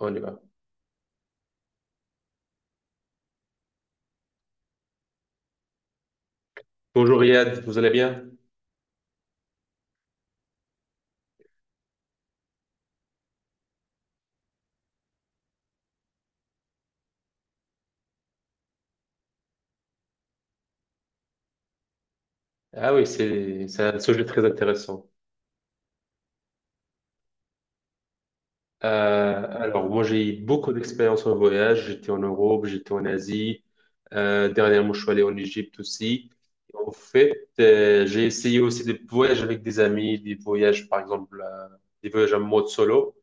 On y va. Bonjour Yad, vous allez bien? Ah oui, c'est un sujet très intéressant. Alors, moi, j'ai eu beaucoup d'expérience en voyage. J'étais en Europe, j'étais en Asie. Dernièrement, je suis allé en Égypte aussi. En fait, j'ai essayé aussi des voyages avec des amis, des voyages, par exemple, des voyages en mode solo.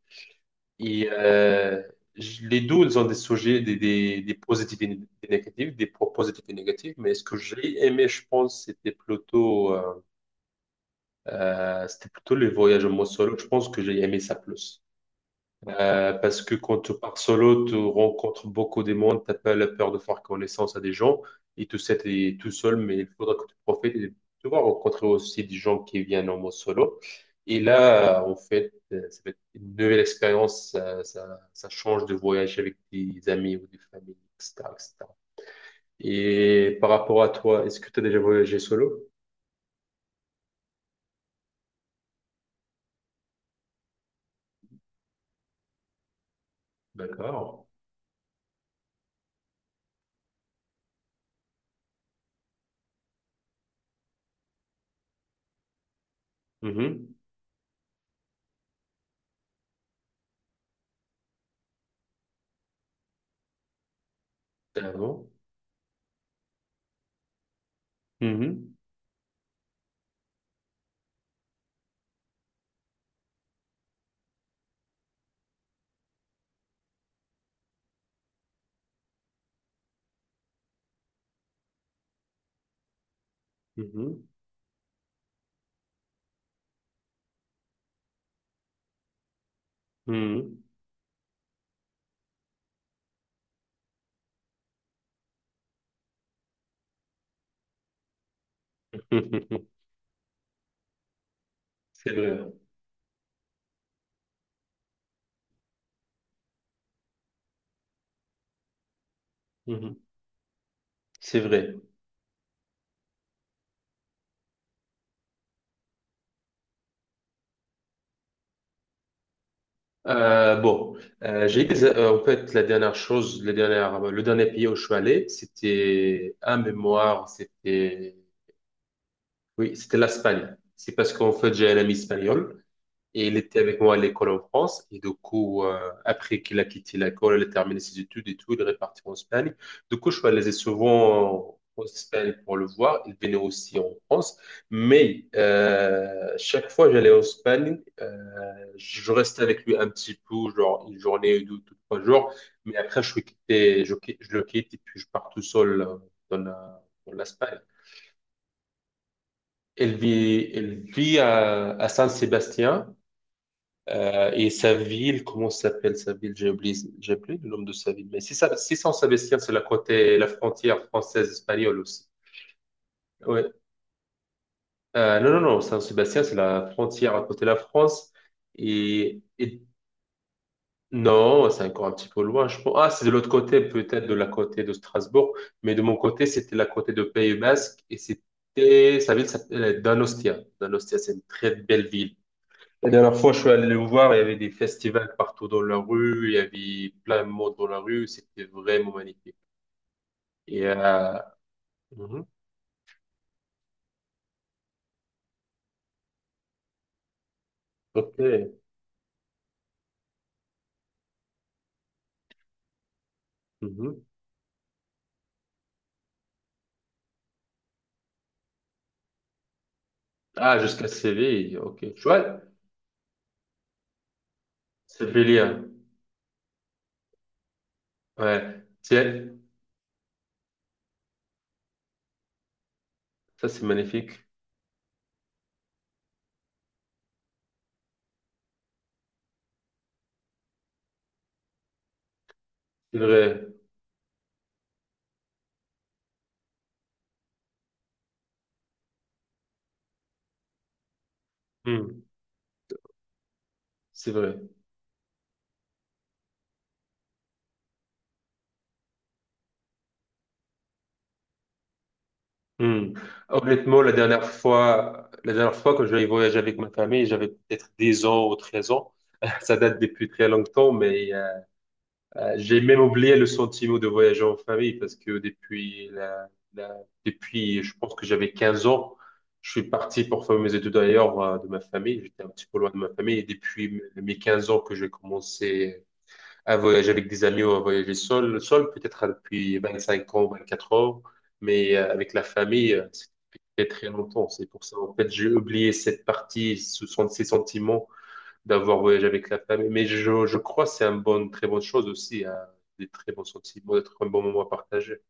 Et euh, les deux, ils ont des sujets, des positifs et des négatifs, des points positifs et négatifs. Mais ce que j'ai aimé, je pense, c'était plutôt les voyages en mode solo. Je pense que j'ai aimé ça plus. Parce que quand tu pars solo, tu rencontres beaucoup de monde, t'as pas la peur de faire connaissance à des gens, et tout ça, t'es tout seul, mais il faudra que tu profites et tu vas rencontrer aussi des gens qui viennent en mode solo. Et là, en fait, ça va être une nouvelle expérience, ça change de voyage avec des amis ou des familles, etc., etc. Et cetera. Et par rapport à toi, est-ce que tu as déjà voyagé solo? D'accord. Mhm. D'accord. Mhm. Mhm. Mhm. C'est vrai, hein. Mhm. C'est vrai. Bon, j'ai en fait la dernière chose, le dernier pays où je suis allé, c'était un mémoire, c'était, oui, c'était l'Espagne. C'est parce qu'en fait j'ai un ami espagnol. Et il était avec moi à l'école en France. Et du coup, après qu'il a quitté l'école, il a terminé ses études et tout, il est reparti en Espagne. Du coup, je suis allé souvent en Espagne pour le voir. Il venait aussi en France. Mais chaque fois que j'allais en Espagne, je restais avec lui un petit peu, genre une journée ou deux, trois jours. Mais après, je suis quitté, je, qui- je le quitte et puis je pars tout seul, dans l'Espagne. Elle vit à, San Sébastien, et sa ville, comment s'appelle sa ville? J'ai oublié le nom de sa ville. Mais si Saint-Sébastien, c'est la frontière française-espagnole aussi. Ouais. Non, non, non, Saint-Sébastien, c'est la frontière à côté de la France. Et, et- non, c'est encore un petit peu loin, je pense. Ah, c'est de l'autre côté, peut-être de la côté de Strasbourg. Mais de mon côté, c'était la côté de Pays Basque. Sa ville s'appelait Donostia. Donostia, c'est une très belle ville. La dernière fois, je suis allé le voir, il y avait des festivals partout dans la rue, il y avait plein de monde dans la rue, c'était vraiment magnifique. Et, mhm, ok, mhm. Ah, jusqu'à Séville, ok. Tu vois, Sévillien, ouais, tiens, ça c'est magnifique, c'est vrai, hmm, c'est vrai. Hmm. Honnêtement, la dernière fois que j'avais voyagé avec ma famille, j'avais peut-être 10 ans ou 13 ans, ça date depuis très longtemps, mais j'ai même oublié le sentiment de voyager en famille parce que la- depuis, je pense que j'avais 15 ans, je suis parti pour faire mes études ailleurs, de ma famille. J'étais un petit peu loin de ma famille et depuis mes 15 ans que j'ai commencé à voyager avec des amis ou à voyager seul, peut-être depuis 25 ans, 24 ans, mais avec la famille, c'était très longtemps. C'est pour ça, en fait, j'ai oublié cette partie, ce sont ces sentiments d'avoir voyagé avec la famille. Mais je crois que c'est une bonne, très bonne chose aussi, hein, des très bons sentiments, d'être un bon moment à partager.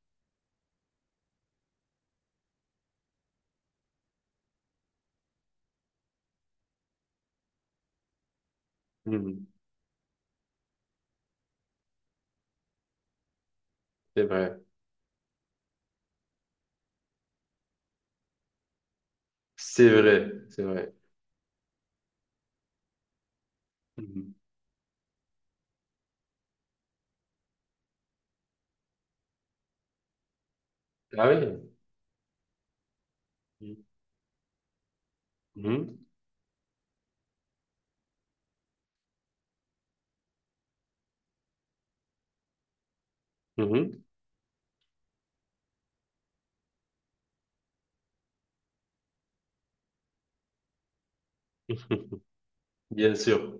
Mhm. C'est vrai, c'est vrai, c'est vrai. Mhm. Ah oui. Mhm. Mhm. Bien sûr,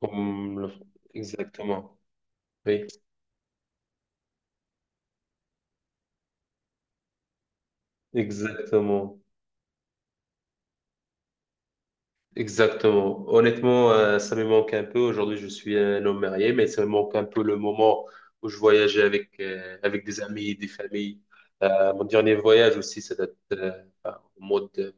comme le- exactement. Oui, exactement. Exactement. Honnêtement, ça me manque un peu. Aujourd'hui, je suis un homme marié, mais ça me manque un peu le moment où je voyageais avec des amis, des familles. Mon dernier voyage aussi, ça date, enfin,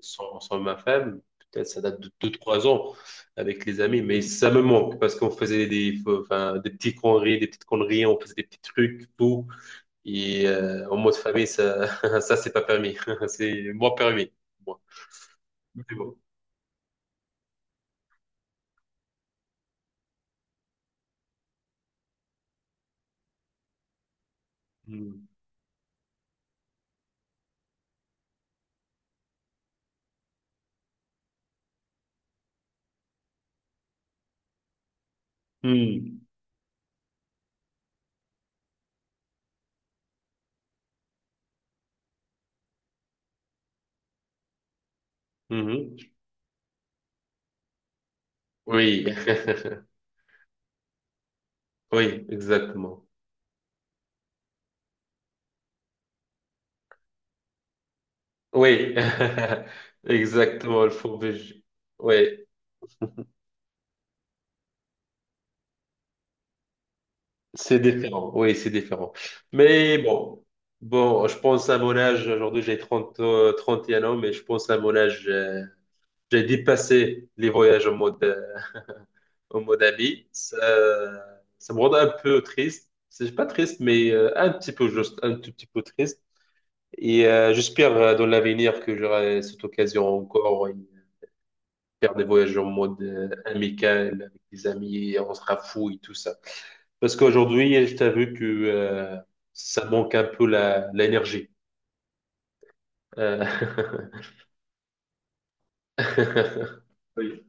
sans ma femme. Peut-être ça date de deux trois ans avec les amis, mais ça me manque parce qu'on faisait enfin, des petites conneries, on faisait des petits trucs, tout. Et en mode famille, ça, ça c'est pas permis. C'est moi permis. Moi. Mais bon. Hmm. Hmm. Mhm. Oui, oui, exactement. Oui, exactement, le faux BG. Oui, c'est différent. Oui, c'est différent. Mais bon, je pense à mon âge, aujourd'hui j'ai 30 31 ans, mais je pense à mon âge, j'ai dépassé les voyages en mode ami. Ça me rend un peu triste. C'est pas triste, mais, un petit peu juste, un tout petit peu triste. Et j'espère, dans l'avenir, que j'aurai cette occasion encore faire des voyages en mode, amical, avec des amis, on se rafouille, tout ça. Parce qu'aujourd'hui, je t'avoue que, ça manque un peu l'énergie. Euh, Oui.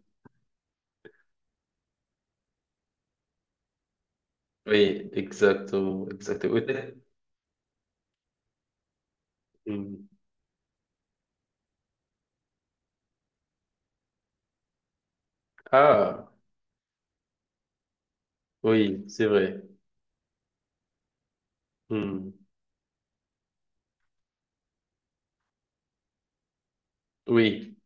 Oui, exactement, exactement. Oui. Hmm. Ah, oui, c'est vrai. Hmm. Oui,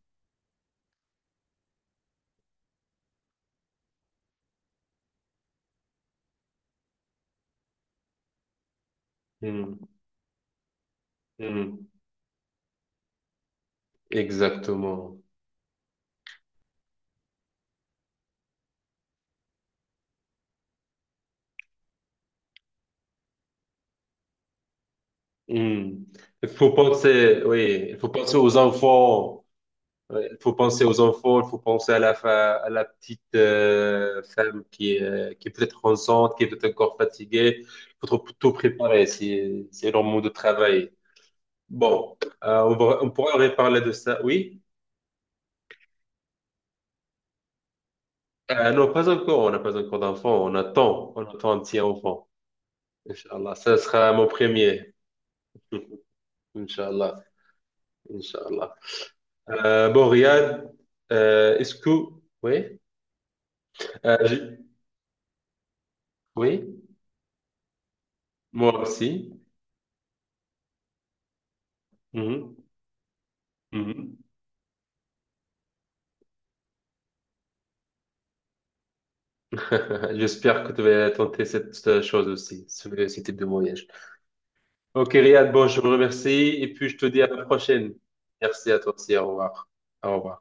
hmm. Hmm. Exactement. Hmm. Il faut penser, oui, il faut penser aux enfants. Ouais, il faut penser aux enfants, il faut penser à la petite, femme qui est peut-être enceinte, qui est peut-être encore fatiguée. Il faut tout préparer, c'est leur monde de travail. Bon, on pourra reparler de ça, oui? Non, pas encore, on n'a pas encore d'enfant, on attend un petit enfant. Inch'Allah, ça sera mon premier. Inch'Allah, Inch'Allah. Bon, Riyad, est-ce que... Oui? Euh, j'ai- Oui? Moi aussi. Mhm. Mhm. J'espère que tu vas tenter cette chose aussi, ce type de voyage. Ok, Riyad, bon, je vous remercie et puis je te dis à la prochaine. Merci à toi aussi, au revoir. Au revoir.